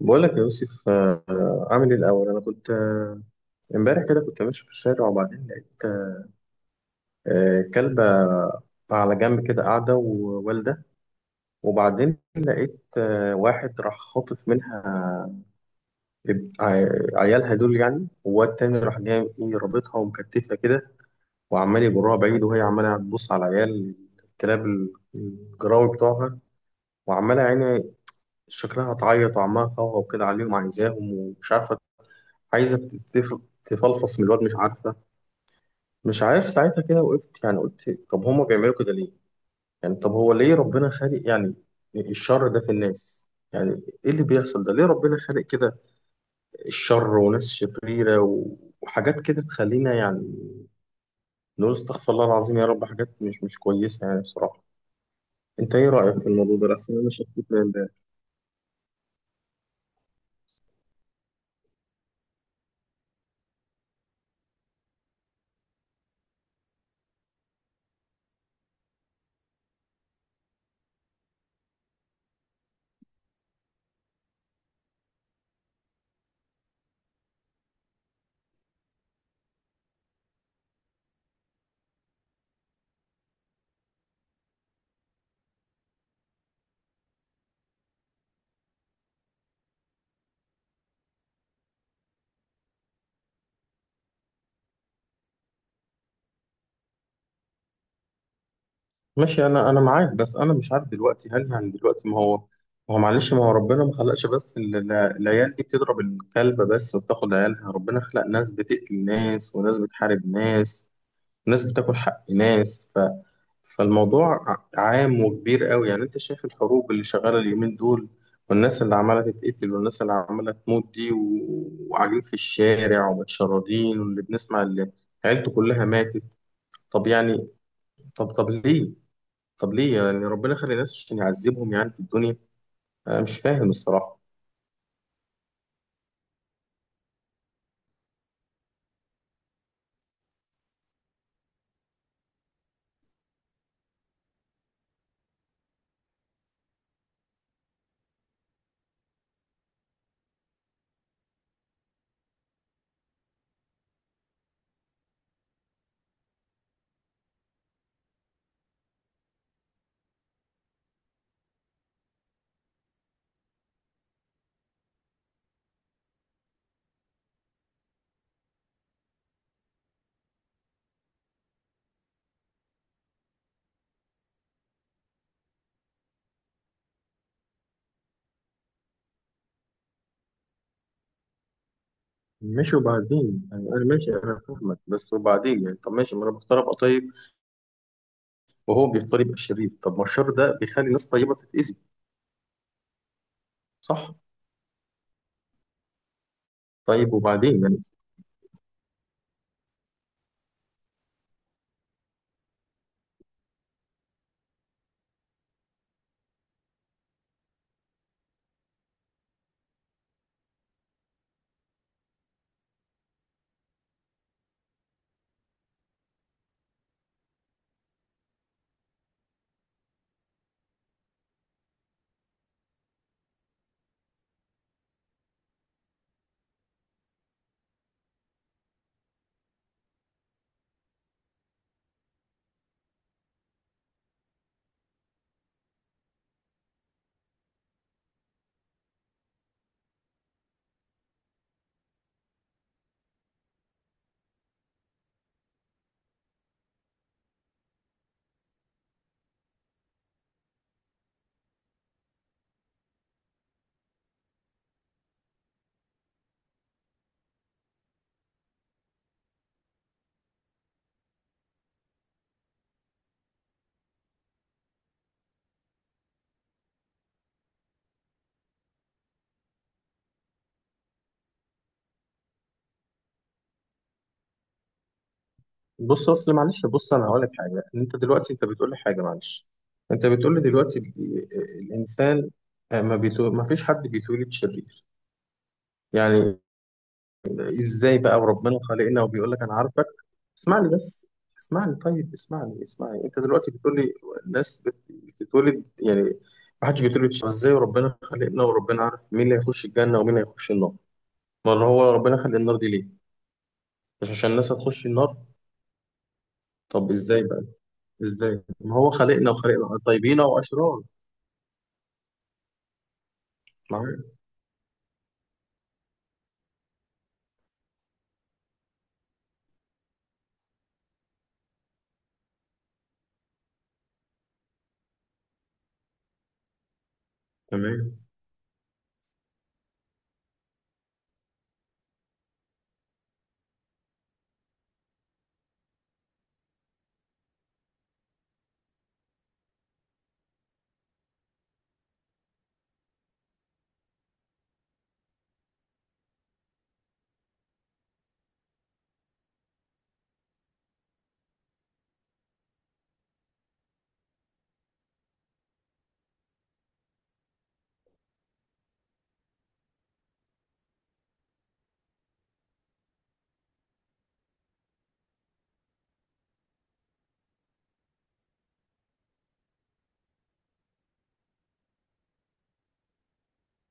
بقول لك يا يوسف، عامل ايه؟ الاول انا كنت آه، امبارح كده كنت ماشي في الشارع، وبعدين لقيت كلبه على جنب كده قاعده ووالده، وبعدين لقيت واحد راح خاطف منها عيالها دول، يعني، وواد تاني راح جاي ايه رابطها ومكتفها كده وعمال يجرها بعيد، وهي عماله تبص على عيال الكلاب الجراوي بتوعها، وعماله يعني شكلها تعيط وعمالة تهوهو كده عليهم عايزاهم ومش عارفه، عايزه تفلفص من الواد، مش عارفه. مش عارف ساعتها كده وقفت، يعني قلت طب هما بيعملوا كده ليه؟ يعني طب هو ليه ربنا خالق يعني الشر ده في الناس؟ يعني ايه اللي بيحصل ده؟ ليه ربنا خالق كده الشر وناس شريرة وحاجات كده تخلينا يعني نقول استغفر الله العظيم يا رب، حاجات مش كويسة يعني بصراحة. انت ايه رأيك في الموضوع ده؟ لأحسن انا شفت. ماشي، انا معاك، بس انا مش عارف دلوقتي، هل هن دلوقتي، ما هو معلش ما هو ربنا ما خلقش، بس العيال دي بتضرب الكلب بس وبتاخد عيالها، ربنا خلق ناس بتقتل ناس وناس بتحارب ناس وناس بتاكل حق ناس، فالموضوع عام وكبير قوي، يعني انت شايف الحروب اللي شغاله اليومين دول، والناس اللي عماله تتقتل والناس اللي عماله تموت دي وقاعدين في الشارع ومتشردين، واللي بنسمع اللي عيلته كلها ماتت. طب يعني، طب طب ليه طب ليه يعني ربنا خلق الناس عشان يعذبهم يعني في الدنيا؟ انا مش فاهم الصراحه. ماشي وبعدين يعني، انا ماشي، انا فاهمك، بس وبعدين يعني طب ماشي، ما انا بختار ابقى طيب وهو بيختار يبقى شرير، طب ما الشر ده بيخلي ناس طيبه تتاذي. صح؟ طيب وبعدين يعني. بص اصل معلش، بص انا هقول لك حاجه، انت دلوقتي انت بتقول لي حاجه، معلش، انت بتقول لي دلوقتي الانسان ما فيش حد بيتولد شرير يعني. ازاي بقى وربنا خلقنا وبيقول لك انا عارفك؟ اسمعني بس، اسمعني طيب، اسمعني اسمعني، انت دلوقتي بتقول لي الناس بتتولد يعني ما حدش بيتولد شبه، ازاي وربنا خلقنا وربنا عارف مين اللي هيخش الجنة ومين هيخش النار؟ ما هو ربنا خلق النار دي ليه؟ مش عشان الناس هتخش النار؟ طب ازاي بقى؟ ازاي ما هو خلقنا وخلقنا طيبين واشرار؟ معايا. تمام.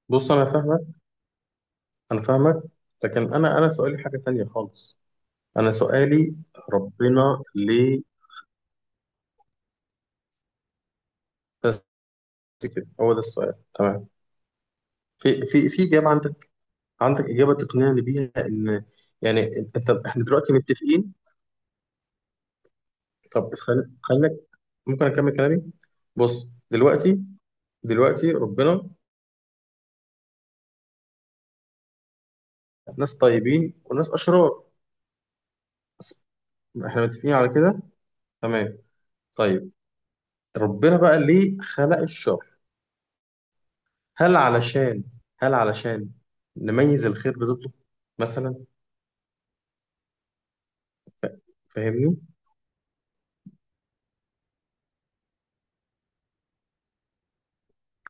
بص انا فاهمك، لكن انا سؤالي حاجة تانية خالص. انا سؤالي، ربنا ليه كده؟ هو ده السؤال. تمام؟ في اجابه عندك؟ عندك اجابه تقنعني بيها ان يعني انت احنا دلوقتي متفقين؟ طب خليك، ممكن اكمل كلامي؟ بص دلوقتي، ربنا ناس طيبين وناس اشرار، بس، احنا متفقين على كده. تمام؟ طيب، ربنا بقى ليه خلق الشر؟ هل علشان هل علشان نميز الخير بضده مثلا؟ فاهمني؟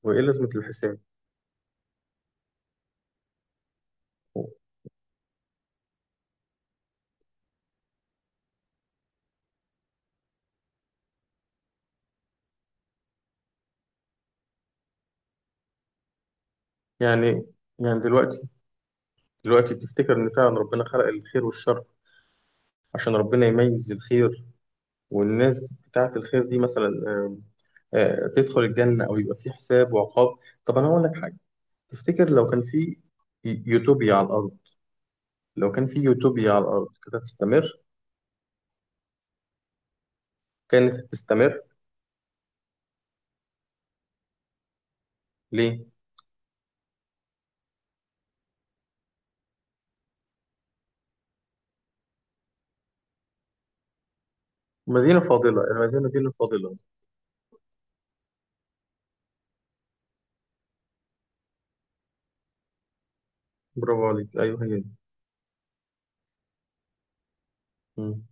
وايه لازمه الحساب؟ يعني يعني دلوقتي تفتكر إن فعلا ربنا خلق الخير والشر عشان ربنا يميز الخير؟ والناس بتاعة الخير دي مثلا تدخل الجنة، أو يبقى في حساب وعقاب. طب أنا هقول لك حاجة، تفتكر لو كان في يوتوبيا على الأرض، لو كان في يوتوبيا على الأرض كانت هتستمر كانت هتستمر ليه؟ مدينة فاضلة، المدينة دي اللي فاضلة. برافو عليك، أيوه، هي دي. مم.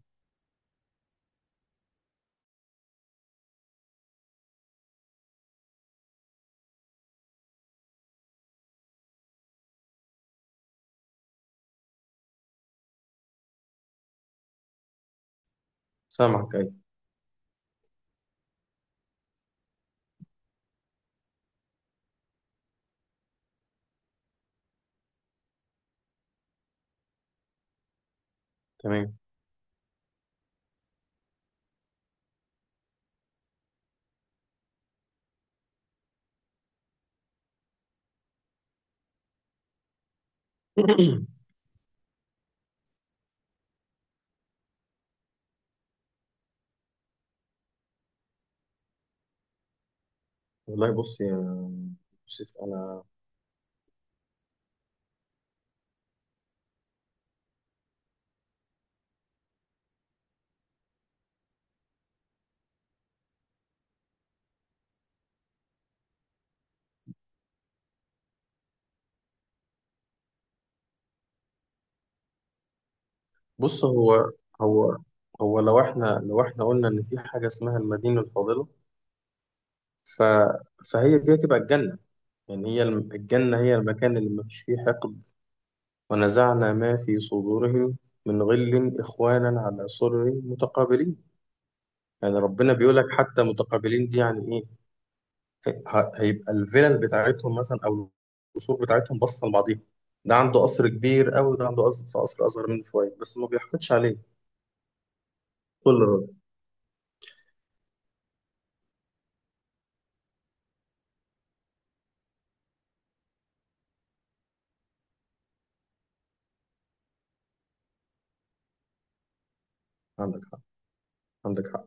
سامعك، أيوه، تمام. والله بص يا يوسف، أنا، بص، هو هو لو احنا قلنا ان في حاجه اسمها المدينه الفاضله، ف فهي دي هتبقى الجنه. يعني هي الجنه هي المكان اللي مفيش فيه حقد. ونزعنا ما في صدورهم من غل اخوانا على سرر متقابلين. يعني ربنا بيقول لك حتى متقابلين، دي يعني ايه؟ هيبقى الفلل بتاعتهم مثلا، او القصور بتاعتهم باصه لبعضيها. ده عنده قصر كبير قوي، ده عنده قصر اصغر منه شويه، بس ما بيحقدش عليه. كل راجل. عندك حق، عندك حق.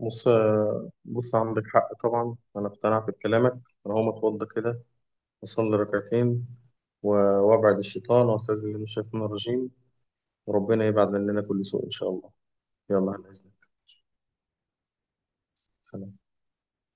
بص، بص، عندك حق طبعا، أنا اقتنعت بكلامك. أنا هقوم أتوضى كده، أصلي ركعتين، و- وأبعد الشيطان وأستعيذ بالله من الشيطان الرجيم، وربنا يبعد مننا كل سوء إن شاء الله. يلا، على إذنك. سلام.